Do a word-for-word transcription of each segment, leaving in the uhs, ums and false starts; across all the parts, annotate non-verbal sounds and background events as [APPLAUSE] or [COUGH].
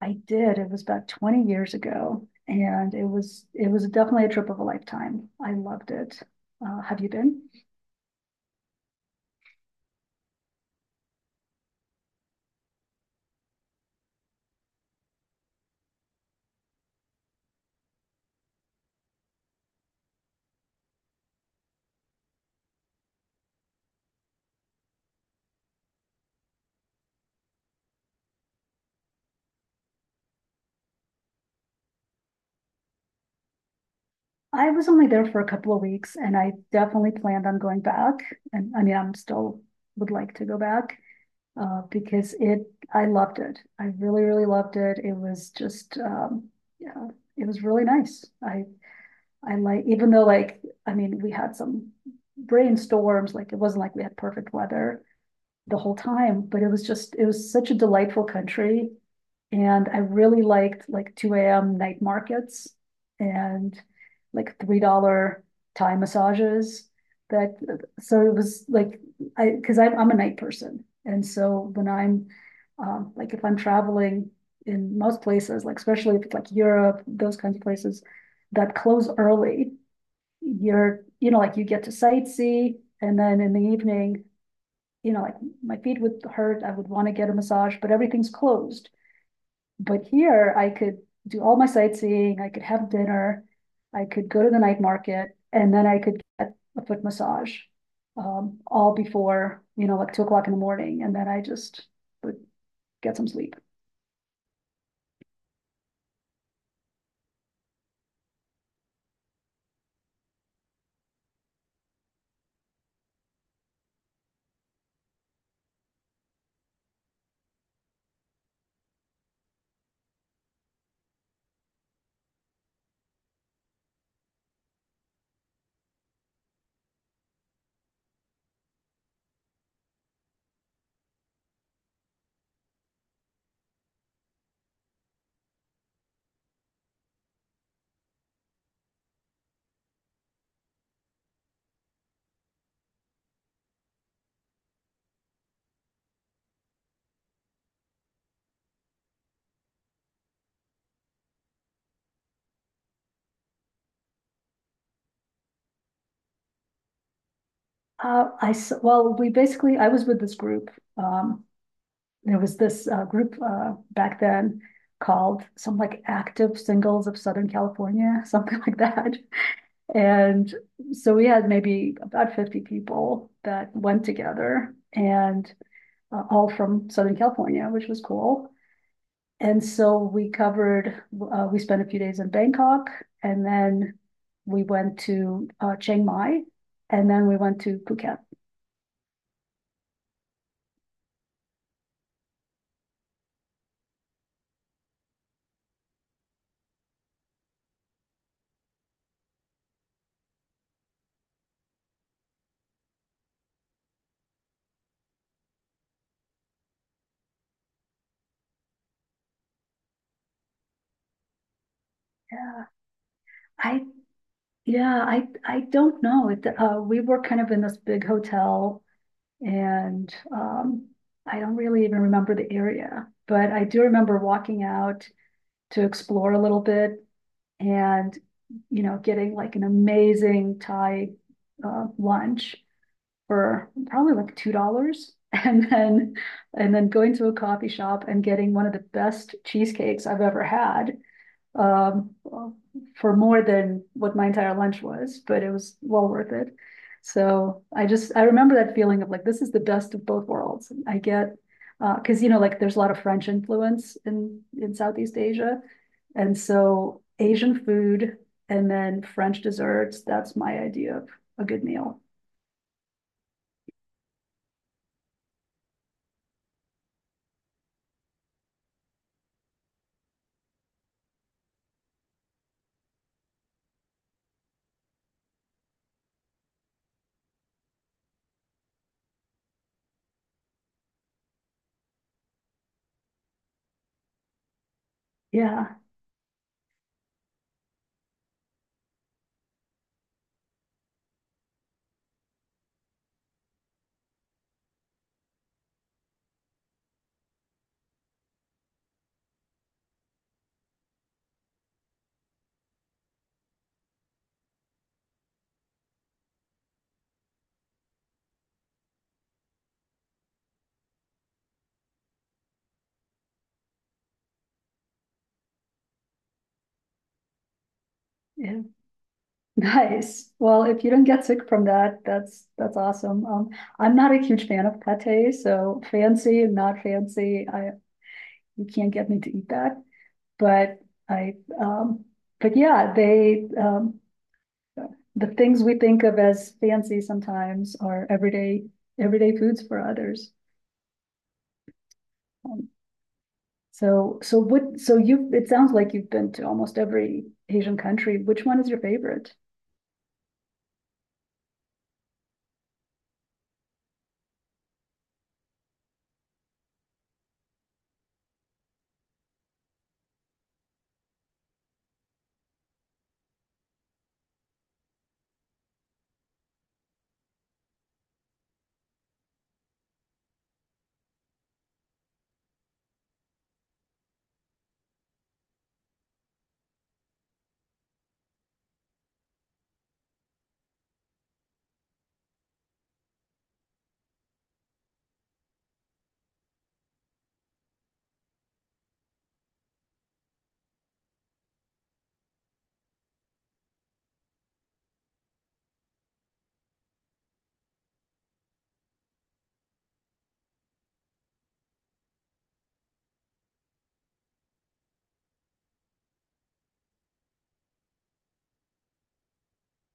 I did. It was about twenty years ago, and it was it was definitely a trip of a lifetime. I loved it. Uh, have you been? I was only there for a couple of weeks, and I definitely planned on going back. And I mean, I'm still would like to go back uh, because it. I loved it. I really, really loved it. It was just, um, yeah, it was really nice. I I like even though like I mean, we had some brainstorms. Like it wasn't like we had perfect weather the whole time, but it was just it was such a delightful country, and I really liked like two a m night markets and like three dollars Thai massages. That so it was like I because I'm I'm a night person, and so when I'm um, like if I'm traveling in most places, like especially if it's like Europe, those kinds of places that close early, you're you know like you get to sightsee, and then in the evening you know, like my feet would hurt. I would want to get a massage, but everything's closed. But here I could do all my sightseeing. I could have dinner. I could go to the night market and then I could get a foot massage um, all before, you know, like two o'clock in the morning. And then I just would get some sleep. Uh, I, s- well, we basically, I was with this group. Um, there was this uh, group uh, back then called some like Active Singles of Southern California, [LAUGHS] something like that. And so we had maybe about fifty people that went together and uh, all from Southern California, which was cool. And so we covered, uh, we spent a few days in Bangkok and then we went to uh, Chiang Mai and then we went to Phuket. Yeah. I, yeah, I, I don't know. It, uh, we were kind of in this big hotel and um, I don't really even remember the area, but I do remember walking out to explore a little bit and, you know, getting like an amazing Thai uh, lunch for probably like two dollars [LAUGHS] and then and then going to a coffee shop and getting one of the best cheesecakes I've ever had um, for more than what my entire lunch was, but it was well worth it. So I just I remember that feeling of like this is the best of both worlds. I get because you know like there's a lot of French influence in in Southeast Asia, and so Asian food and then French desserts. That's my idea of a good meal. Yeah, yeah. [LAUGHS] Nice. Well, if you don't get sick from that, that's that's awesome. Um, I'm not a huge fan of pate, so fancy and not fancy, I you can't get me to eat that. But I, um, but yeah, they um, the things we think of as fancy sometimes are everyday everyday foods for others. Um, so so what so you it sounds like you've been to almost every Asian country. Which one is your favorite?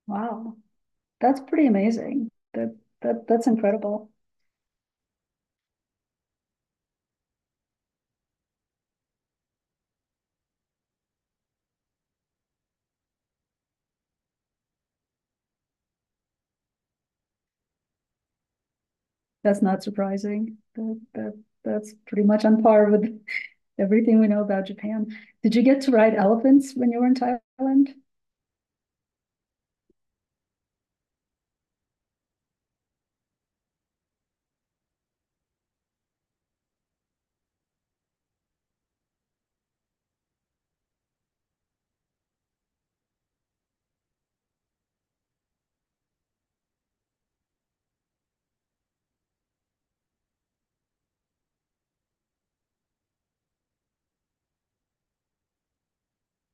Wow, that's pretty amazing. That that that's incredible. That's not surprising. That, that, that's pretty much on par with [LAUGHS] everything we know about Japan. Did you get to ride elephants when you were in Thailand?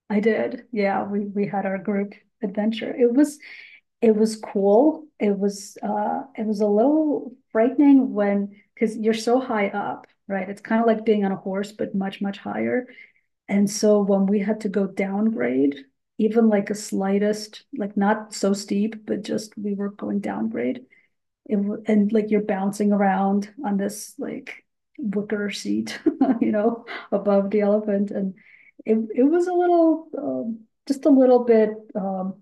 I did. Yeah, we we had our group adventure. It was it was cool. It was uh it was a little frightening when because you're so high up, right? It's kind of like being on a horse, but much, much higher. And so when we had to go downgrade, even like a slightest, like not so steep, but just we were going downgrade. It, and like you're bouncing around on this like wicker seat, [LAUGHS] you know, above the elephant. And it, it was a little, um, just a little bit um,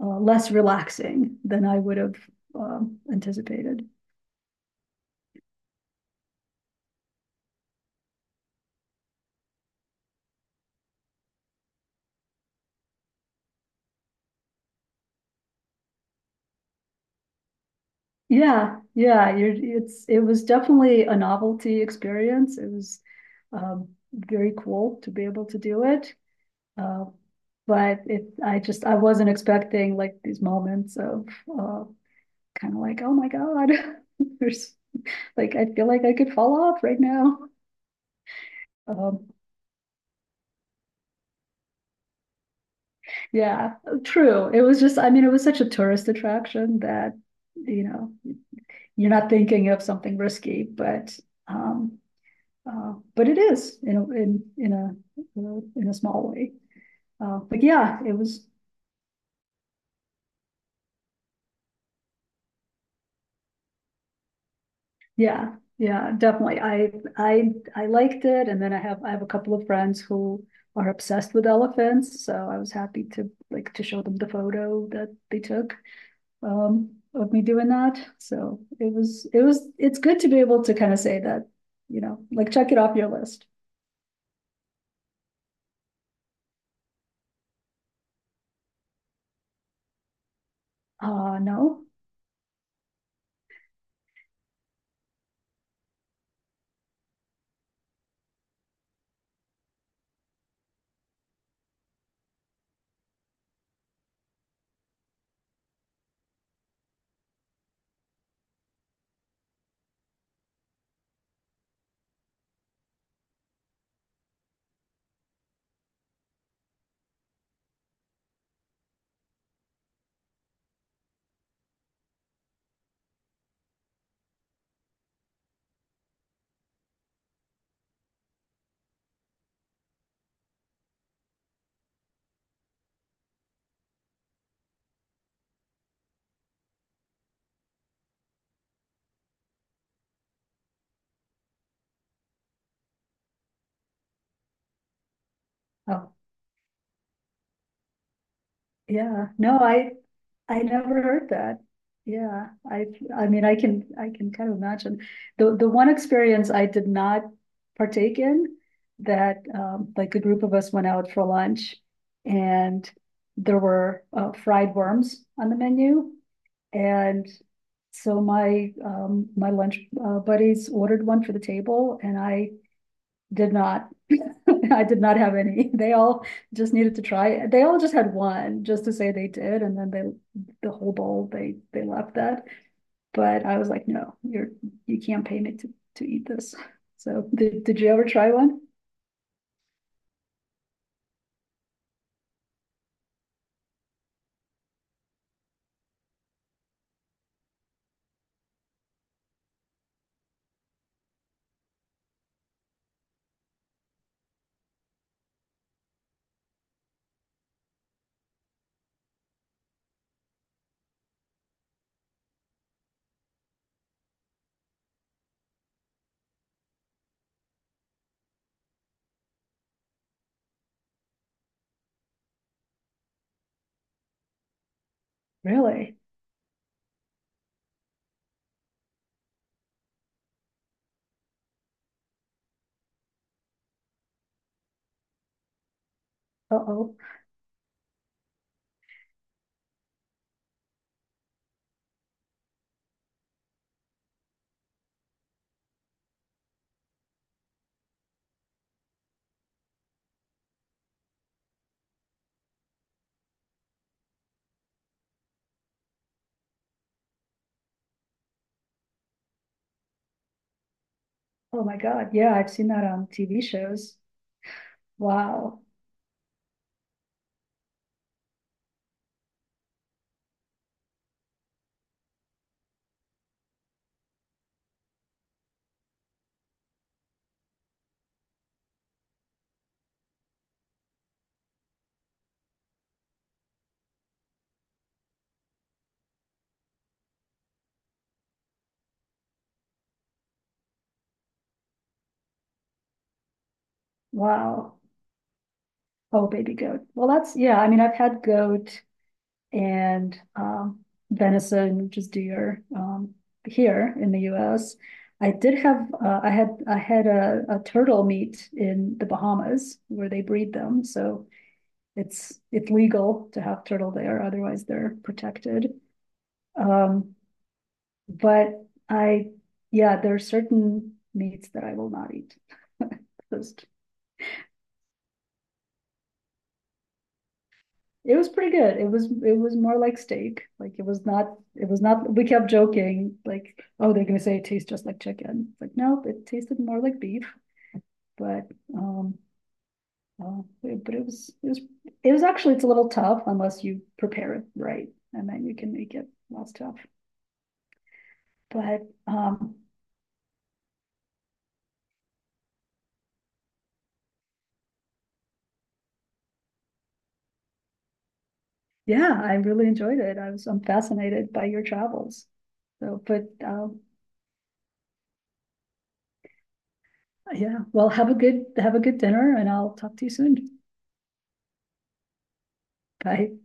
uh, less relaxing than I would have um, anticipated. Yeah, yeah, you're, it's it was definitely a novelty experience. It was um, very cool to be able to do it, uh, but it I just I wasn't expecting like these moments of uh, kind of like oh my God, [LAUGHS] there's like I feel like I could fall off right now. Um, yeah, true. It was just I mean it was such a tourist attraction that you know you're not thinking of something risky, but um, Uh, but it is in a, in in a in a small way. Uh, but yeah, it was yeah yeah definitely. I I I liked it, and then I have I have a couple of friends who are obsessed with elephants, so I was happy to like to show them the photo that they took um, of me doing that. So it was it was it's good to be able to kind of say that you know like check it off your list. Uh no, oh yeah, no, I I never heard that. Yeah, I I mean I can I can kind of imagine. The the one experience I did not partake in that um, like a group of us went out for lunch and there were uh, fried worms on the menu and so my um, my lunch uh, buddies ordered one for the table and I did not. [LAUGHS] I did not have any. They all just needed to try. They all just had one just to say they did, and then they the whole bowl they they left that. But I was like, no, you're you can't pay me to to eat this. So did did you ever try one? Really? Uh oh. Oh my God. Yeah, I've seen that on T V shows. Wow. Wow. Oh, baby goat. Well, that's yeah. I mean, I've had goat and um, venison, which is deer um, here in the U S. I did have uh, I had I had a, a turtle meat in the Bahamas where they breed them, so it's it's legal to have turtle there. Otherwise, they're protected. Um, but I yeah, there are certain meats that I will not eat. [LAUGHS] Just it was pretty good. It was it was more like steak. Like it was not it was not we kept joking, like, oh, they're gonna say it tastes just like chicken. It's like, no, it tasted more like beef, but um uh, it- but it was it was it was actually it's a little tough unless you prepare it right and then you can make it less tough. But um yeah, I really enjoyed it. I was I'm fascinated by your travels. So but um yeah, well have a good have a good dinner and I'll talk to you soon. Bye.